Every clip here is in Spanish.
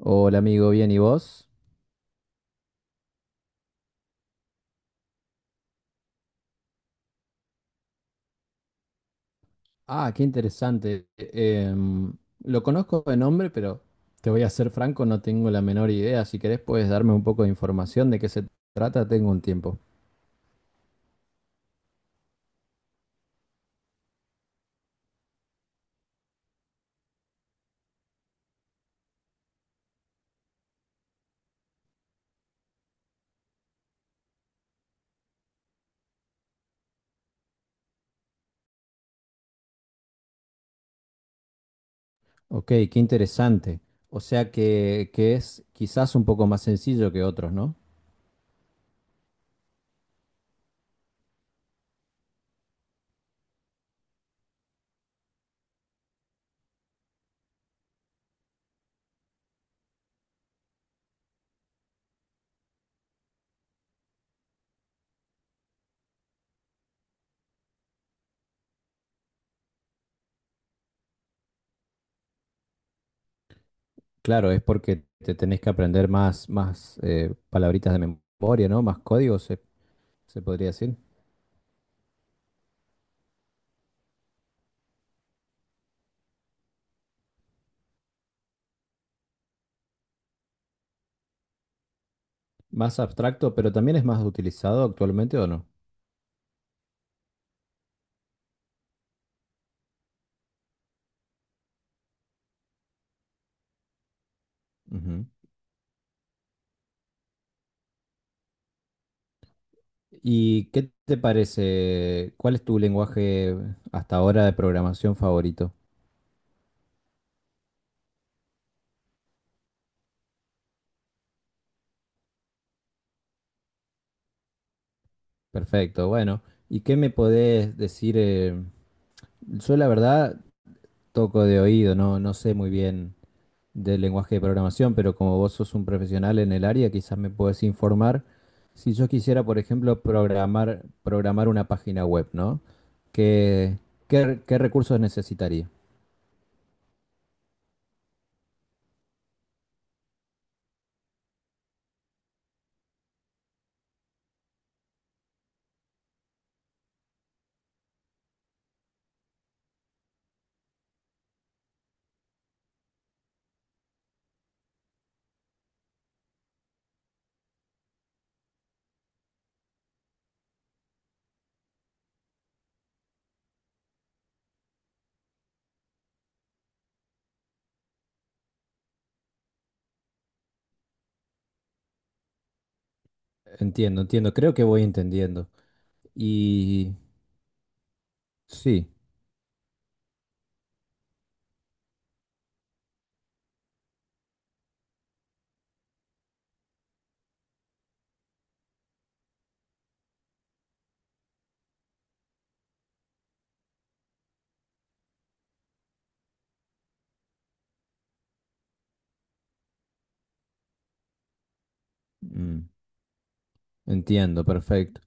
Hola amigo, bien, ¿y vos? Ah, qué interesante. Lo conozco de nombre, pero te voy a ser franco, no tengo la menor idea. Si querés, puedes darme un poco de información de qué se trata, tengo un tiempo. Ok, qué interesante. O sea que es quizás un poco más sencillo que otros, ¿no? Claro, es porque te tenés que aprender más palabritas de memoria, ¿no? Más códigos, se podría decir. Más abstracto, pero también es más utilizado actualmente, ¿o no? Ujú. ¿Y qué te parece? ¿Cuál es tu lenguaje hasta ahora de programación favorito? Perfecto, bueno. ¿Y qué me podés decir? Yo la verdad toco de oído, no sé muy bien del lenguaje de programación, pero como vos sos un profesional en el área, quizás me podés informar. Si yo quisiera, por ejemplo, programar una página web, ¿no? ¿Qué, qué qué recursos necesitaría? Entiendo, entiendo. Creo que voy entendiendo. Y sí. mm. Entiendo, perfecto.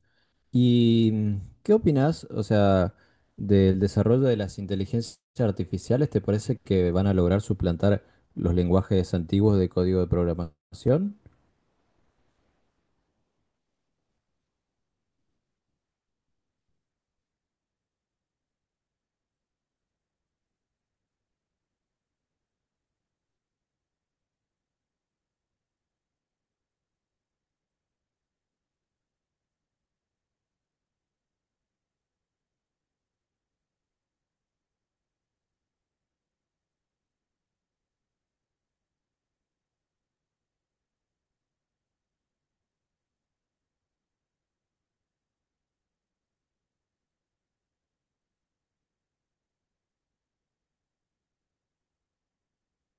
¿Y qué opinas, o sea, del desarrollo de las inteligencias artificiales? ¿Te parece que van a lograr suplantar los lenguajes antiguos de código de programación?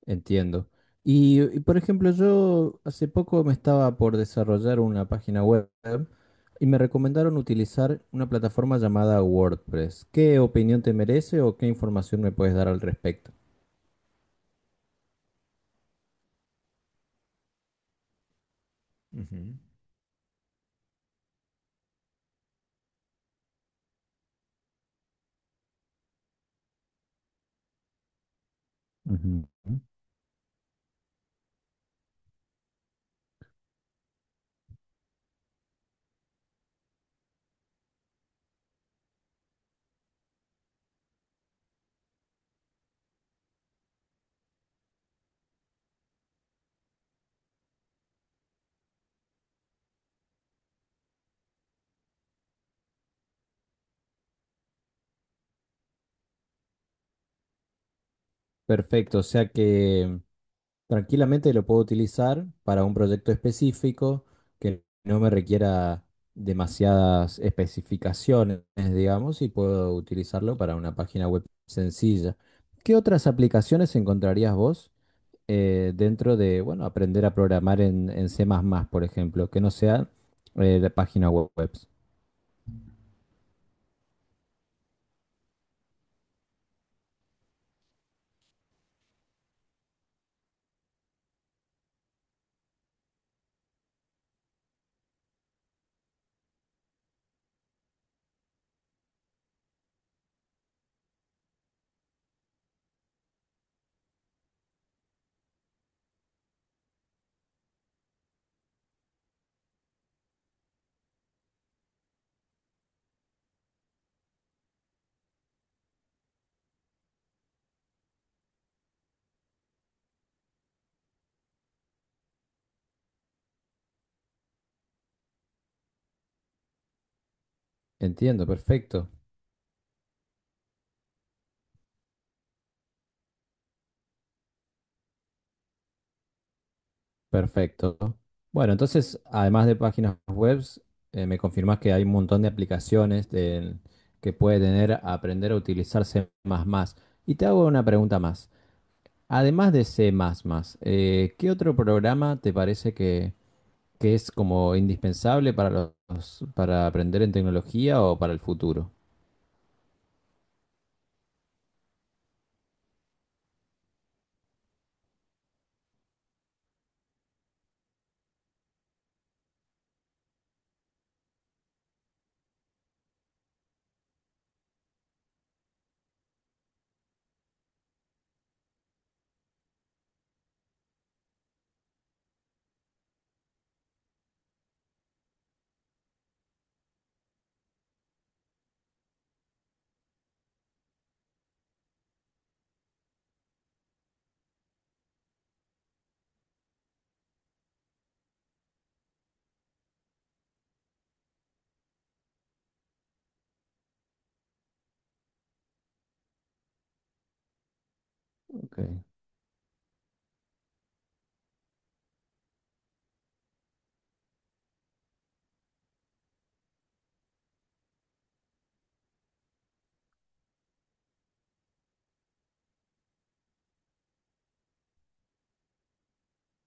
Entiendo. Por ejemplo, yo hace poco me estaba por desarrollar una página web y me recomendaron utilizar una plataforma llamada WordPress. ¿Qué opinión te merece o qué información me puedes dar al respecto? Ujú. Ujú. Perfecto, o sea que tranquilamente lo puedo utilizar para un proyecto específico que no me requiera demasiadas especificaciones, digamos, y puedo utilizarlo para una página web sencilla. ¿Qué otras aplicaciones encontrarías vos dentro de, bueno, aprender a programar en C++, por ejemplo, que no sea de página web? Entiendo, perfecto. Perfecto. Bueno, entonces, además de páginas web, me confirmás que hay un montón de aplicaciones que puede tener a aprender a utilizar C++. Y te hago una pregunta más. Además de C++, ¿qué otro programa te parece que es como indispensable para para aprender en tecnología o para el futuro? Ok.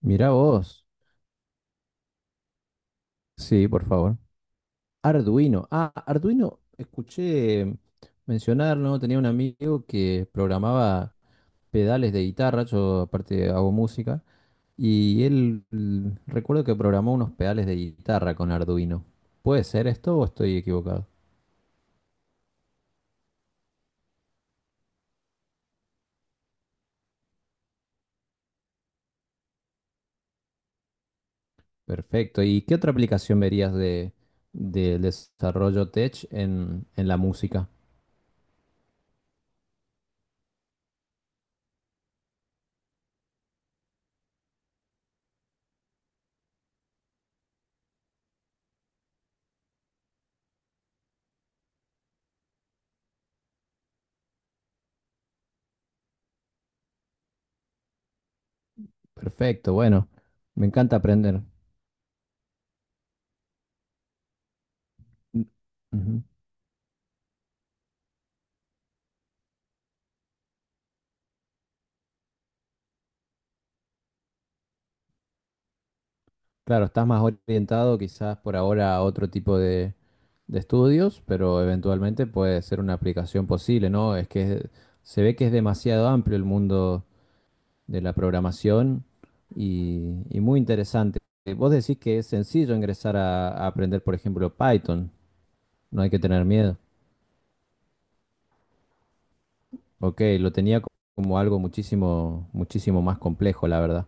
Mirá vos. Sí, por favor. Arduino. Ah, Arduino, escuché mencionar, ¿no? Tenía un amigo que programaba pedales de guitarra, yo aparte hago música, y él recuerdo que programó unos pedales de guitarra con Arduino. ¿Puede ser esto o estoy equivocado? Perfecto. ¿Y qué otra aplicación verías de, del desarrollo tech en la música? Perfecto, bueno, me encanta aprender. N- Ujú. Claro, estás más orientado quizás por ahora a otro tipo de estudios, pero eventualmente puede ser una aplicación posible, ¿no? Es que se ve que es demasiado amplio el mundo de la programación y, y muy interesante. Vos decís que es sencillo ingresar a aprender, por ejemplo, Python, no hay que tener miedo. Ok, lo tenía como algo muchísimo más complejo, la verdad.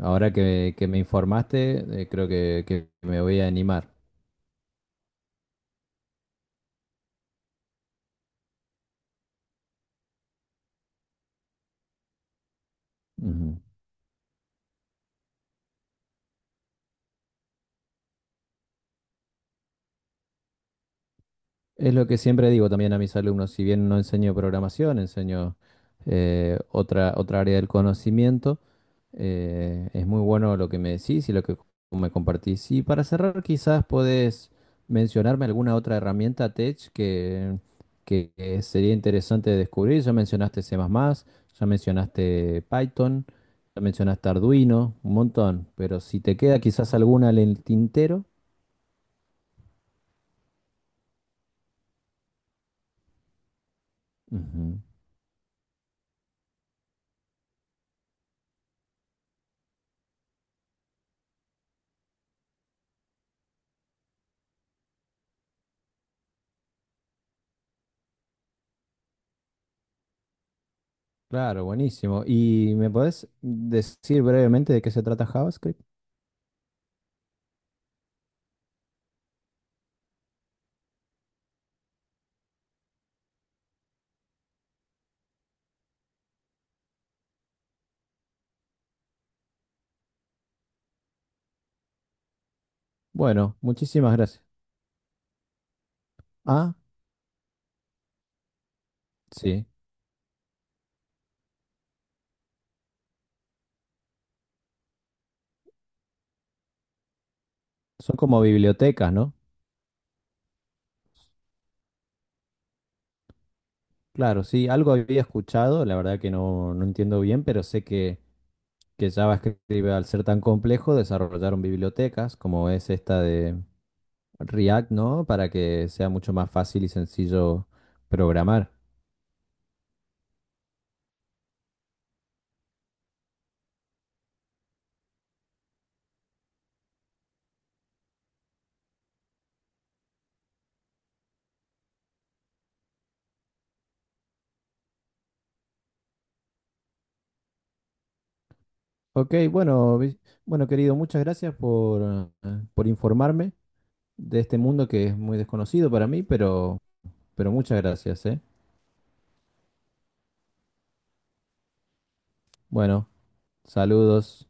Ahora que me informaste, creo que me voy a animar. Ujú. Es lo que siempre digo también a mis alumnos, si bien no enseño programación, enseño otra área del conocimiento, es muy bueno lo que me decís y lo que me compartís. Y para cerrar, quizás podés mencionarme alguna otra herramienta tech que sería interesante descubrir. Ya mencionaste C++, ya mencionaste Python, ya mencionaste Arduino, un montón, pero si te queda quizás alguna en el tintero. Ujú. Claro, buenísimo. ¿Y me podés decir brevemente de qué se trata JavaScript? Bueno, muchísimas gracias. Ah, sí. Son como bibliotecas, ¿no? Claro, sí, algo había escuchado, la verdad que no entiendo bien, pero sé que JavaScript, al ser tan complejo, desarrollaron bibliotecas como es esta de React, ¿no? Para que sea mucho más fácil y sencillo programar. Ok, bueno, bueno, querido, muchas gracias por informarme de este mundo que es muy desconocido para mí, pero muchas gracias, ¿eh? Bueno, saludos.